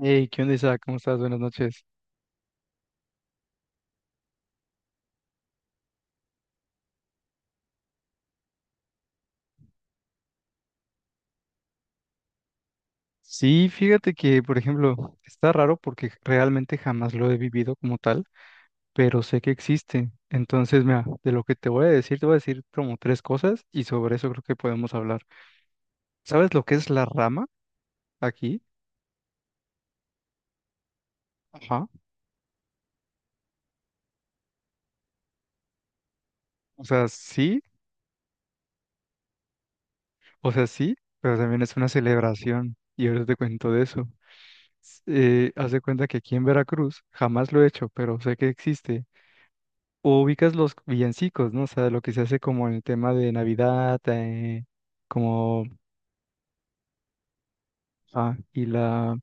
Hey, ¿qué onda, Isaac? ¿Cómo estás? Buenas noches. Sí, fíjate que, por ejemplo, está raro porque realmente jamás lo he vivido como tal, pero sé que existe. Entonces, mira, de lo que te voy a decir como tres cosas y sobre eso creo que podemos hablar. ¿Sabes lo que es la rama aquí? Ajá. O sea, sí, o sea, sí, pero también es una celebración y ahorita te cuento de eso. Haz de cuenta que aquí en Veracruz jamás lo he hecho, pero sé que existe. O ubicas los villancicos, ¿no? O sea, lo que se hace como en el tema de Navidad, como, ah,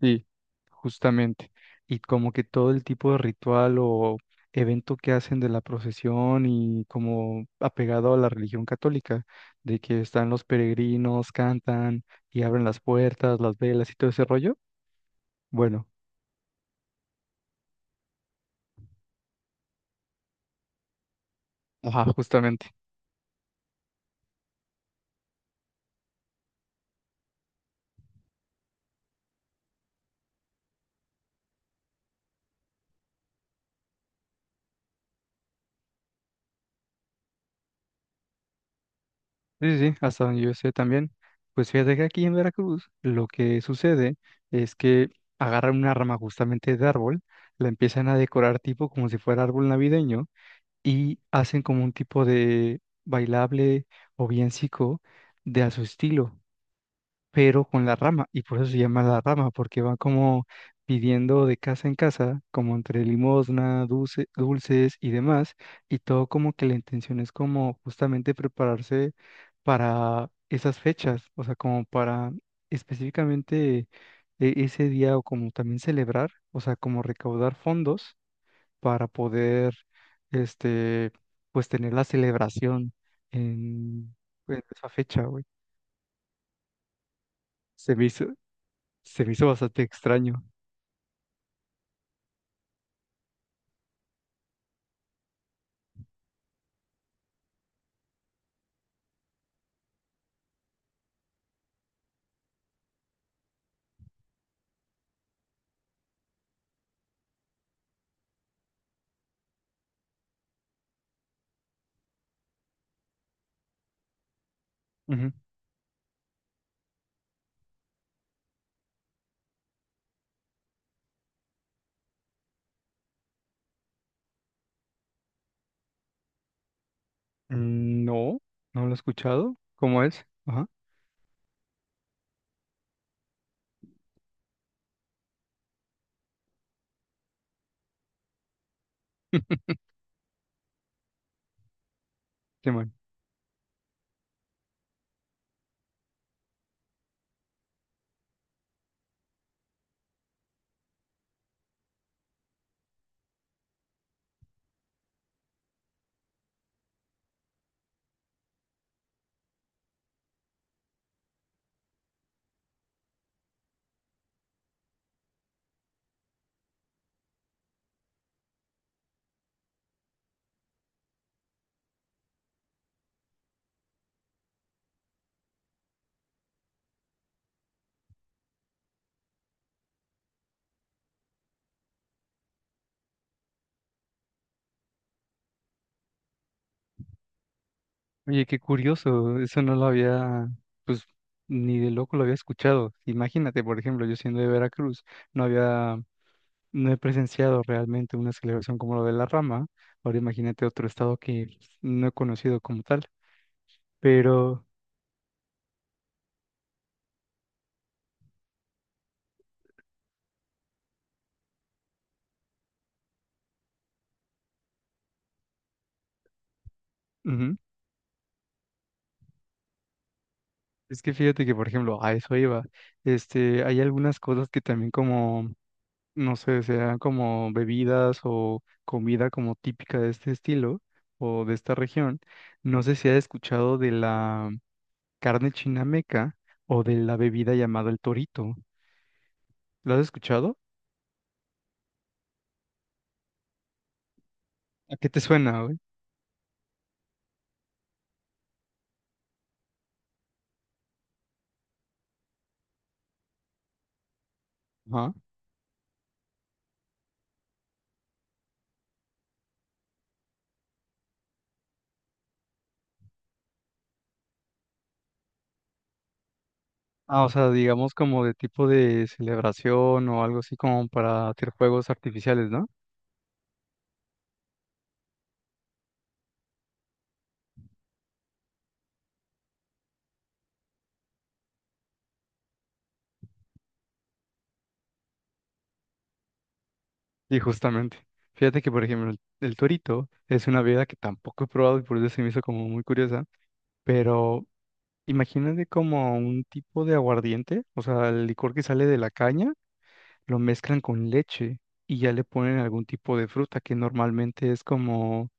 sí, justamente, y como que todo el tipo de ritual o evento que hacen de la procesión y como apegado a la religión católica, de que están los peregrinos, cantan y abren las puertas, las velas y todo ese rollo. Bueno, ajá, justamente. Sí, sí, sí, hasta donde yo sé también. Pues fíjate que aquí en Veracruz lo que sucede es que agarran una rama justamente de árbol, la empiezan a decorar tipo como si fuera árbol navideño y hacen como un tipo de bailable o villancico de a su estilo, pero con la rama, y por eso se llama la rama, porque van como pidiendo de casa en casa, como entre limosna, dulces y demás, y todo como que la intención es como justamente prepararse para esas fechas, o sea, como para específicamente ese día o como también celebrar, o sea, como recaudar fondos para poder, este, pues tener la celebración en, en, esa fecha, güey. Se me hizo, Se me hizo bastante extraño. Ujú. Mm. No, no lo he escuchado. ¿Cómo es? Ajá. Qué mal. Oye, qué curioso. Eso no lo había, pues, ni de loco lo había escuchado. Imagínate, por ejemplo, yo siendo de Veracruz, no había, no he presenciado realmente una celebración como lo de la rama. Ahora imagínate otro estado que no he conocido como tal. Pero, ujú, es que fíjate que, por ejemplo, a eso iba. Este, hay algunas cosas que también, como no sé, sean como bebidas o comida como típica de este estilo o de esta región. No sé si has escuchado de la carne chinameca o de la bebida llamada el torito. ¿Lo has escuchado? ¿A qué te suena, güey? Ajá. Ah, o sea, digamos como de tipo de celebración o algo así como para hacer juegos artificiales, ¿no? Y justamente. Fíjate que, por ejemplo, el torito es una bebida que tampoco he probado y por eso se me hizo como muy curiosa, pero imagínate como un tipo de aguardiente, o sea, el licor que sale de la caña, lo mezclan con leche y ya le ponen algún tipo de fruta que normalmente es como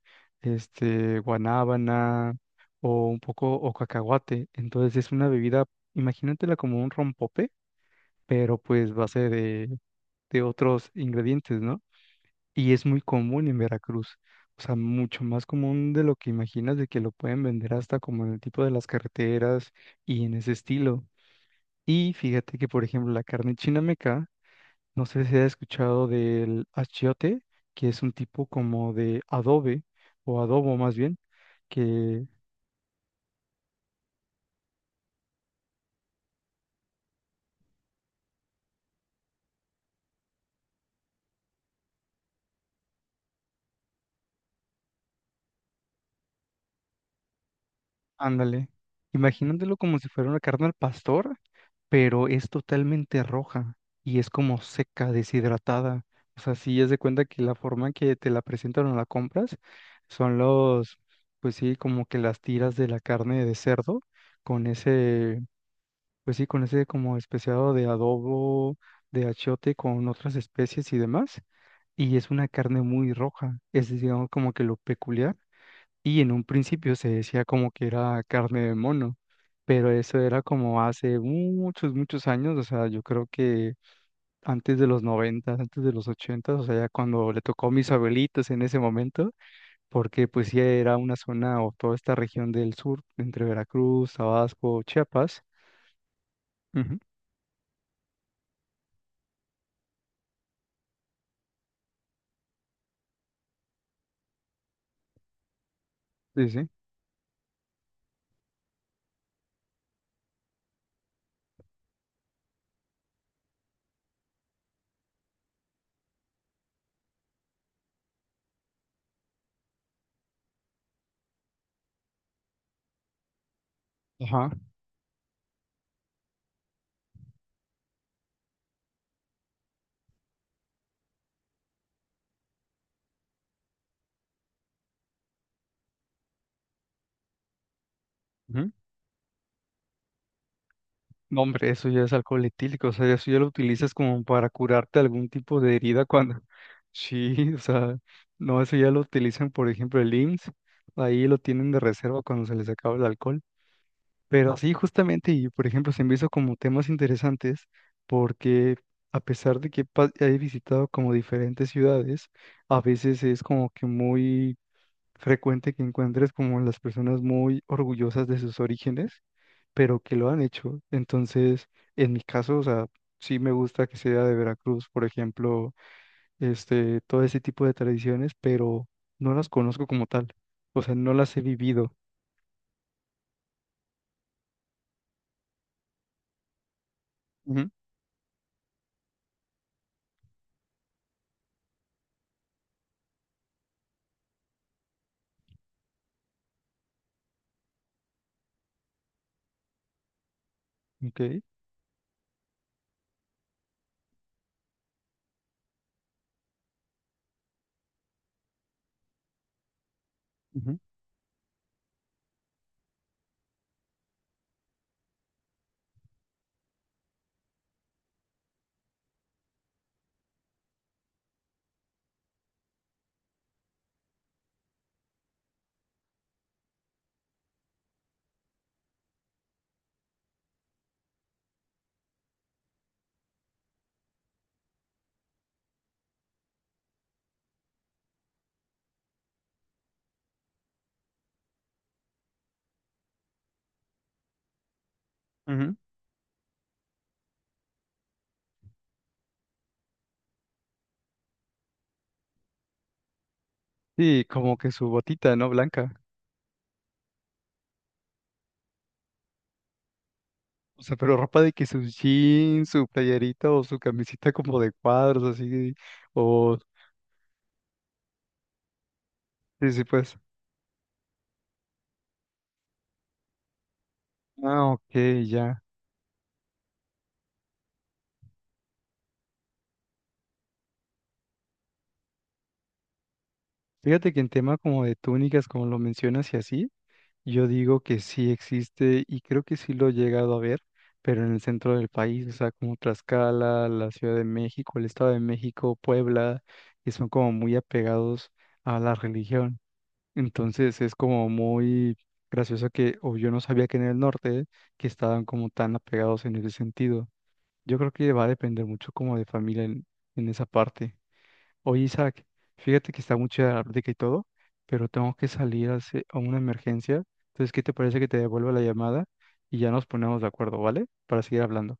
este guanábana o un poco o cacahuate. Entonces es una bebida, imagínatela como un rompope, pero pues base de otros ingredientes, ¿no? Y es muy común en Veracruz. O sea, mucho más común de lo que imaginas, de que lo pueden vender hasta como en el tipo de las carreteras y en ese estilo. Y fíjate que, por ejemplo, la carne chinameca, no sé si has escuchado del achiote, que es un tipo como de adobe, o adobo más bien, que, ándale, imaginándolo como si fuera una carne al pastor, pero es totalmente roja y es como seca, deshidratada. O sea, si es de cuenta que la forma en que te la presentan o la compras son los, pues sí, como que las tiras de la carne de cerdo con ese, pues sí, con ese como especiado de adobo, de achiote con otras especies y demás. Y es una carne muy roja, es digamos como que lo peculiar. Y en un principio se decía como que era carne de mono, pero eso era como hace muchos, muchos años, o sea, yo creo que antes de los 90, antes de los 80, o sea, ya cuando le tocó a mis abuelitos en ese momento, porque pues ya era una zona o toda esta región del sur, entre Veracruz, Tabasco, Chiapas. Ujú. Sí, sí. Ajá. Ujú. No, hombre, eso ya es alcohol etílico, o sea, eso ya lo utilizas como para curarte algún tipo de herida cuando sí, o sea, no, eso ya lo utilizan, por ejemplo, el IMSS, ahí lo tienen de reserva cuando se les acaba el alcohol. Pero sí, justamente, y por ejemplo, se me hizo como temas interesantes porque a pesar de que he visitado como diferentes ciudades, a veces es como que muy frecuente que encuentres como las personas muy orgullosas de sus orígenes, pero que lo han hecho. Entonces, en mi caso, o sea, sí me gusta que sea de Veracruz, por ejemplo, este, todo ese tipo de tradiciones, pero no las conozco como tal. O sea, no las he vivido. Ujú. Ok. Ujú, ujú. Sí, como que su botita, ¿no? Blanca. O sea, pero ropa de que sus jeans, su playerita o su camisita como de cuadros, así, o sí, sí, pues. Ah, ok, ya. Fíjate que en tema como de túnicas, como lo mencionas y así, yo digo que sí existe y creo que sí lo he llegado a ver, pero en el centro del país, o sea, como Tlaxcala, la Ciudad de México, el Estado de México, Puebla, que son como muy apegados a la religión. Entonces es como muy gracioso que, o yo no sabía que en el norte, que estaban como tan apegados en ese sentido. Yo creo que va a depender mucho como de familia en, esa parte. Oye, Isaac, fíjate que está muy chida la plática y todo, pero tengo que salir a, a una emergencia. Entonces, ¿qué te parece que te devuelva la llamada y ya nos ponemos de acuerdo? ¿Vale? Para seguir hablando.